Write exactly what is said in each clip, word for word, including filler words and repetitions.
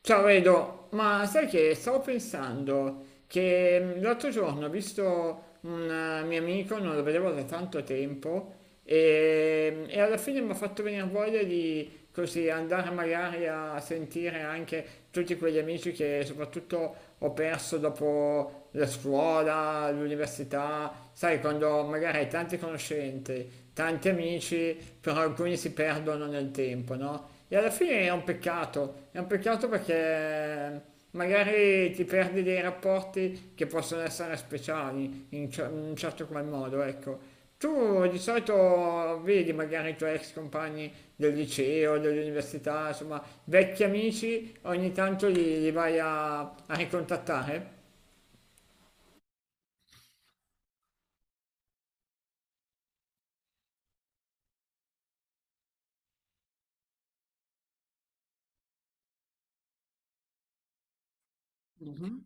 Ciao Edo, ma sai che stavo pensando che mm, l'altro giorno ho visto un eh, mio amico, non lo vedevo da tanto tempo, e, mm, e alla fine mi ha fatto venire voglia di così andare magari a sentire anche tutti quegli amici che soprattutto ho perso dopo la scuola, l'università, sai, quando magari hai tante conoscenze, tanti amici, però alcuni si perdono nel tempo, no? E alla fine è un peccato, è un peccato perché eh, magari ti perdi dei rapporti che possono essere speciali in, cer- in un certo qual modo, ecco. Tu di solito vedi magari i tuoi ex compagni del liceo, dell'università, insomma, vecchi amici, ogni tanto li, li vai a, a ricontattare? Mhm.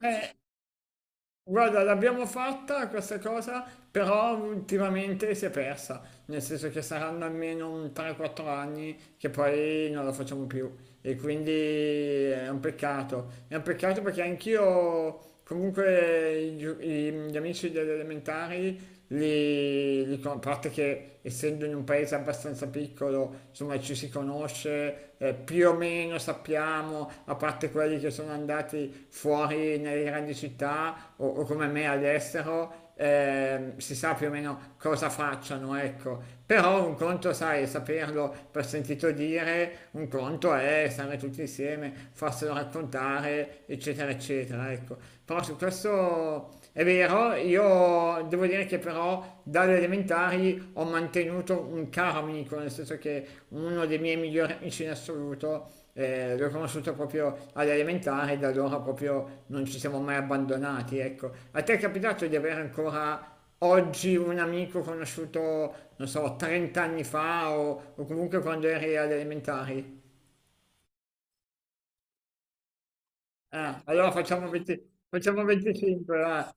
Eh, guarda, l'abbiamo fatta questa cosa, però ultimamente si è persa, nel senso che saranno almeno un tre o quattro anni che poi non la facciamo più e quindi è un peccato. È un peccato perché anch'io, comunque, i gio- i- gli amici delle elementari li, li con- a parte che essendo in un paese abbastanza piccolo, insomma ci si conosce, eh, più o meno sappiamo, a parte quelli che sono andati fuori nelle grandi città o, o come me all'estero, ehm, si sa più o meno cosa facciano, ecco. Però un conto, sai, saperlo per sentito dire, un conto è stare tutti insieme, farselo raccontare, eccetera, eccetera, ecco. Però su questo è vero, io devo dire che però dalle elementari ho mantenuto un caro amico, nel senso che uno dei miei migliori amici in assoluto eh, l'ho conosciuto proprio alle elementari e da allora proprio non ci siamo mai abbandonati, ecco. A te è capitato di avere ancora oggi un amico conosciuto, non so, trenta anni fa o, o comunque quando eri alle elementari? Ah, allora facciamo venti facciamo venticinque, va.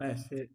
Eh sì.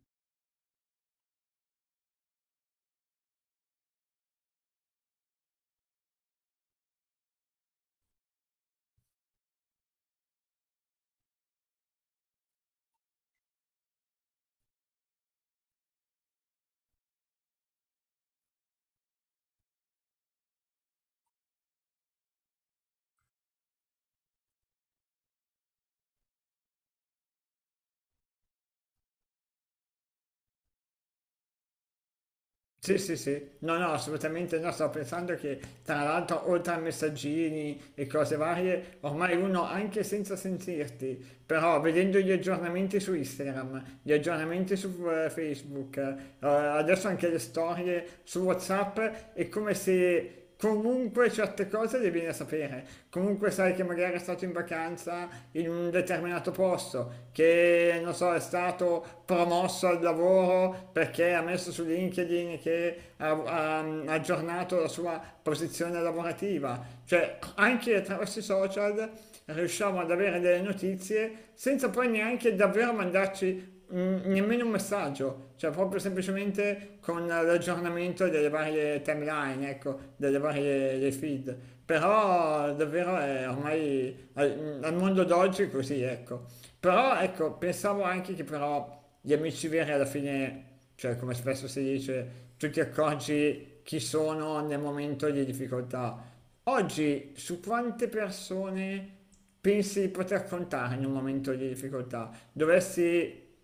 Sì, sì, sì, no, no, assolutamente no, stavo pensando che tra l'altro oltre a messaggini e cose varie, ormai uno anche senza sentirti, però vedendo gli aggiornamenti su Instagram, gli aggiornamenti su eh, Facebook, eh, adesso anche le storie su WhatsApp, è come se che comunque certe cose le vieni a sapere, comunque sai che magari è stato in vacanza in un determinato posto, che non so, è stato promosso al lavoro perché ha messo su LinkedIn che ha, ha- ha aggiornato la sua posizione lavorativa, cioè anche attraverso i social riusciamo ad avere delle notizie senza poi neanche davvero mandarci mm, nemmeno un messaggio, cioè proprio semplicemente con l'aggiornamento delle varie timeline, ecco, delle varie dei feed. Però davvero è ormai al, al mondo d'oggi è così, ecco. Però ecco, pensavo anche che però gli amici veri alla fine, cioè come spesso si dice, tu ti accorgi chi sono nel momento di difficoltà. Oggi su quante persone pensi di poter contare in un momento di difficoltà? Dovessi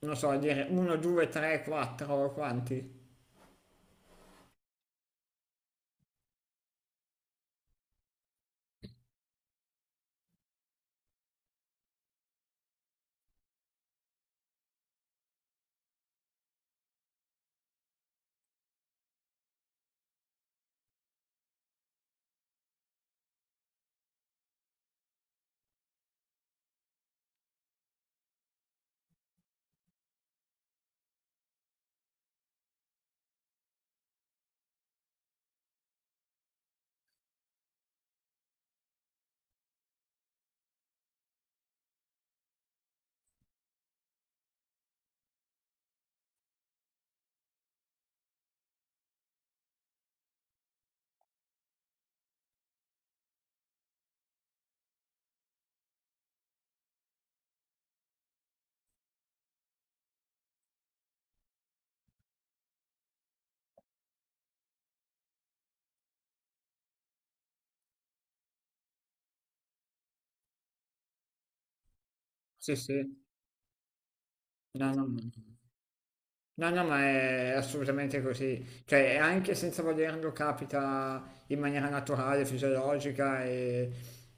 non so, dire uno, due, tre, quattro o quanti? Sì, sì, no, no, no. No, no, ma è assolutamente così. Cioè, anche senza volerlo capita in maniera naturale, fisiologica e,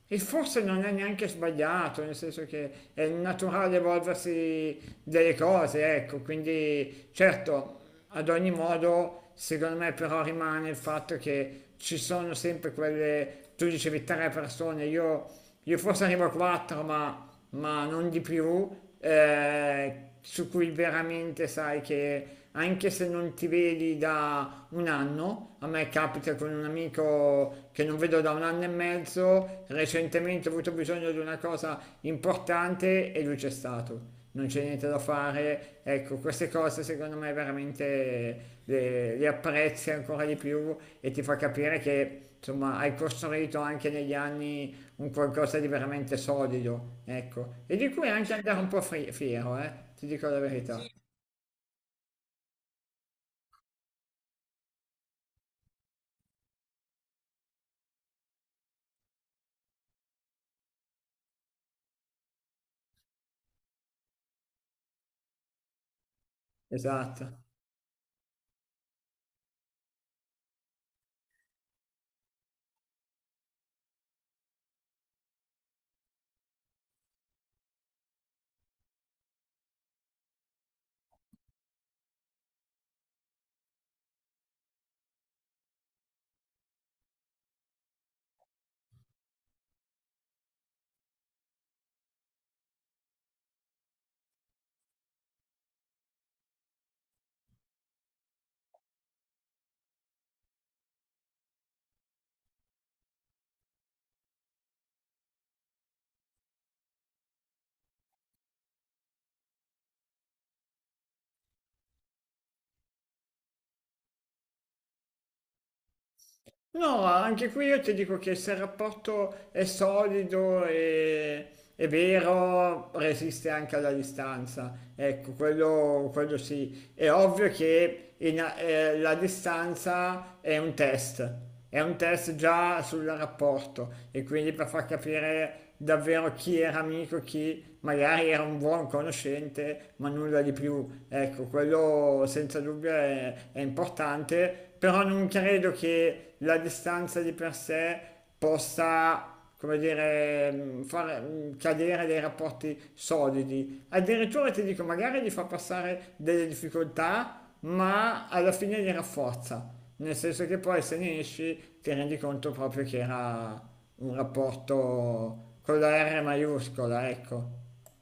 e forse non è neanche sbagliato, nel senso che è naturale evolversi delle cose, ecco. Quindi, certo, ad ogni modo, secondo me però rimane il fatto che ci sono sempre quelle, tu dicevi tre persone, io, io forse arrivo a quattro, ma ma non di più, eh, su cui veramente sai che anche se non ti vedi da un anno, a me capita con un amico che non vedo da un anno e mezzo, recentemente ho avuto bisogno di una cosa importante e lui c'è stato non c'è niente da fare. Ecco, queste cose secondo me veramente le, le apprezzi ancora di più e ti fa capire che insomma hai costruito anche negli anni un qualcosa di veramente solido, ecco, e di cui anche andare un po' fri- fiero, eh, ti dico la verità. Sì. Esatto. No, anche qui io ti dico che se il rapporto è solido e è vero, resiste anche alla distanza. Ecco, quello, quello sì. È ovvio che in- eh, la distanza è un test, è un test già sul rapporto e quindi per far capire davvero chi era amico, chi magari era un buon conoscente, ma nulla di più. Ecco, quello senza dubbio è, è importante però non credo che la distanza di per sé possa, come dire, mh, far mh, cadere dei rapporti solidi. Addirittura ti dico, magari gli fa passare delle difficoltà, ma alla fine li rafforza. Nel senso che poi se ne esci ti rendi conto proprio che era un rapporto con la R maiuscola, ecco.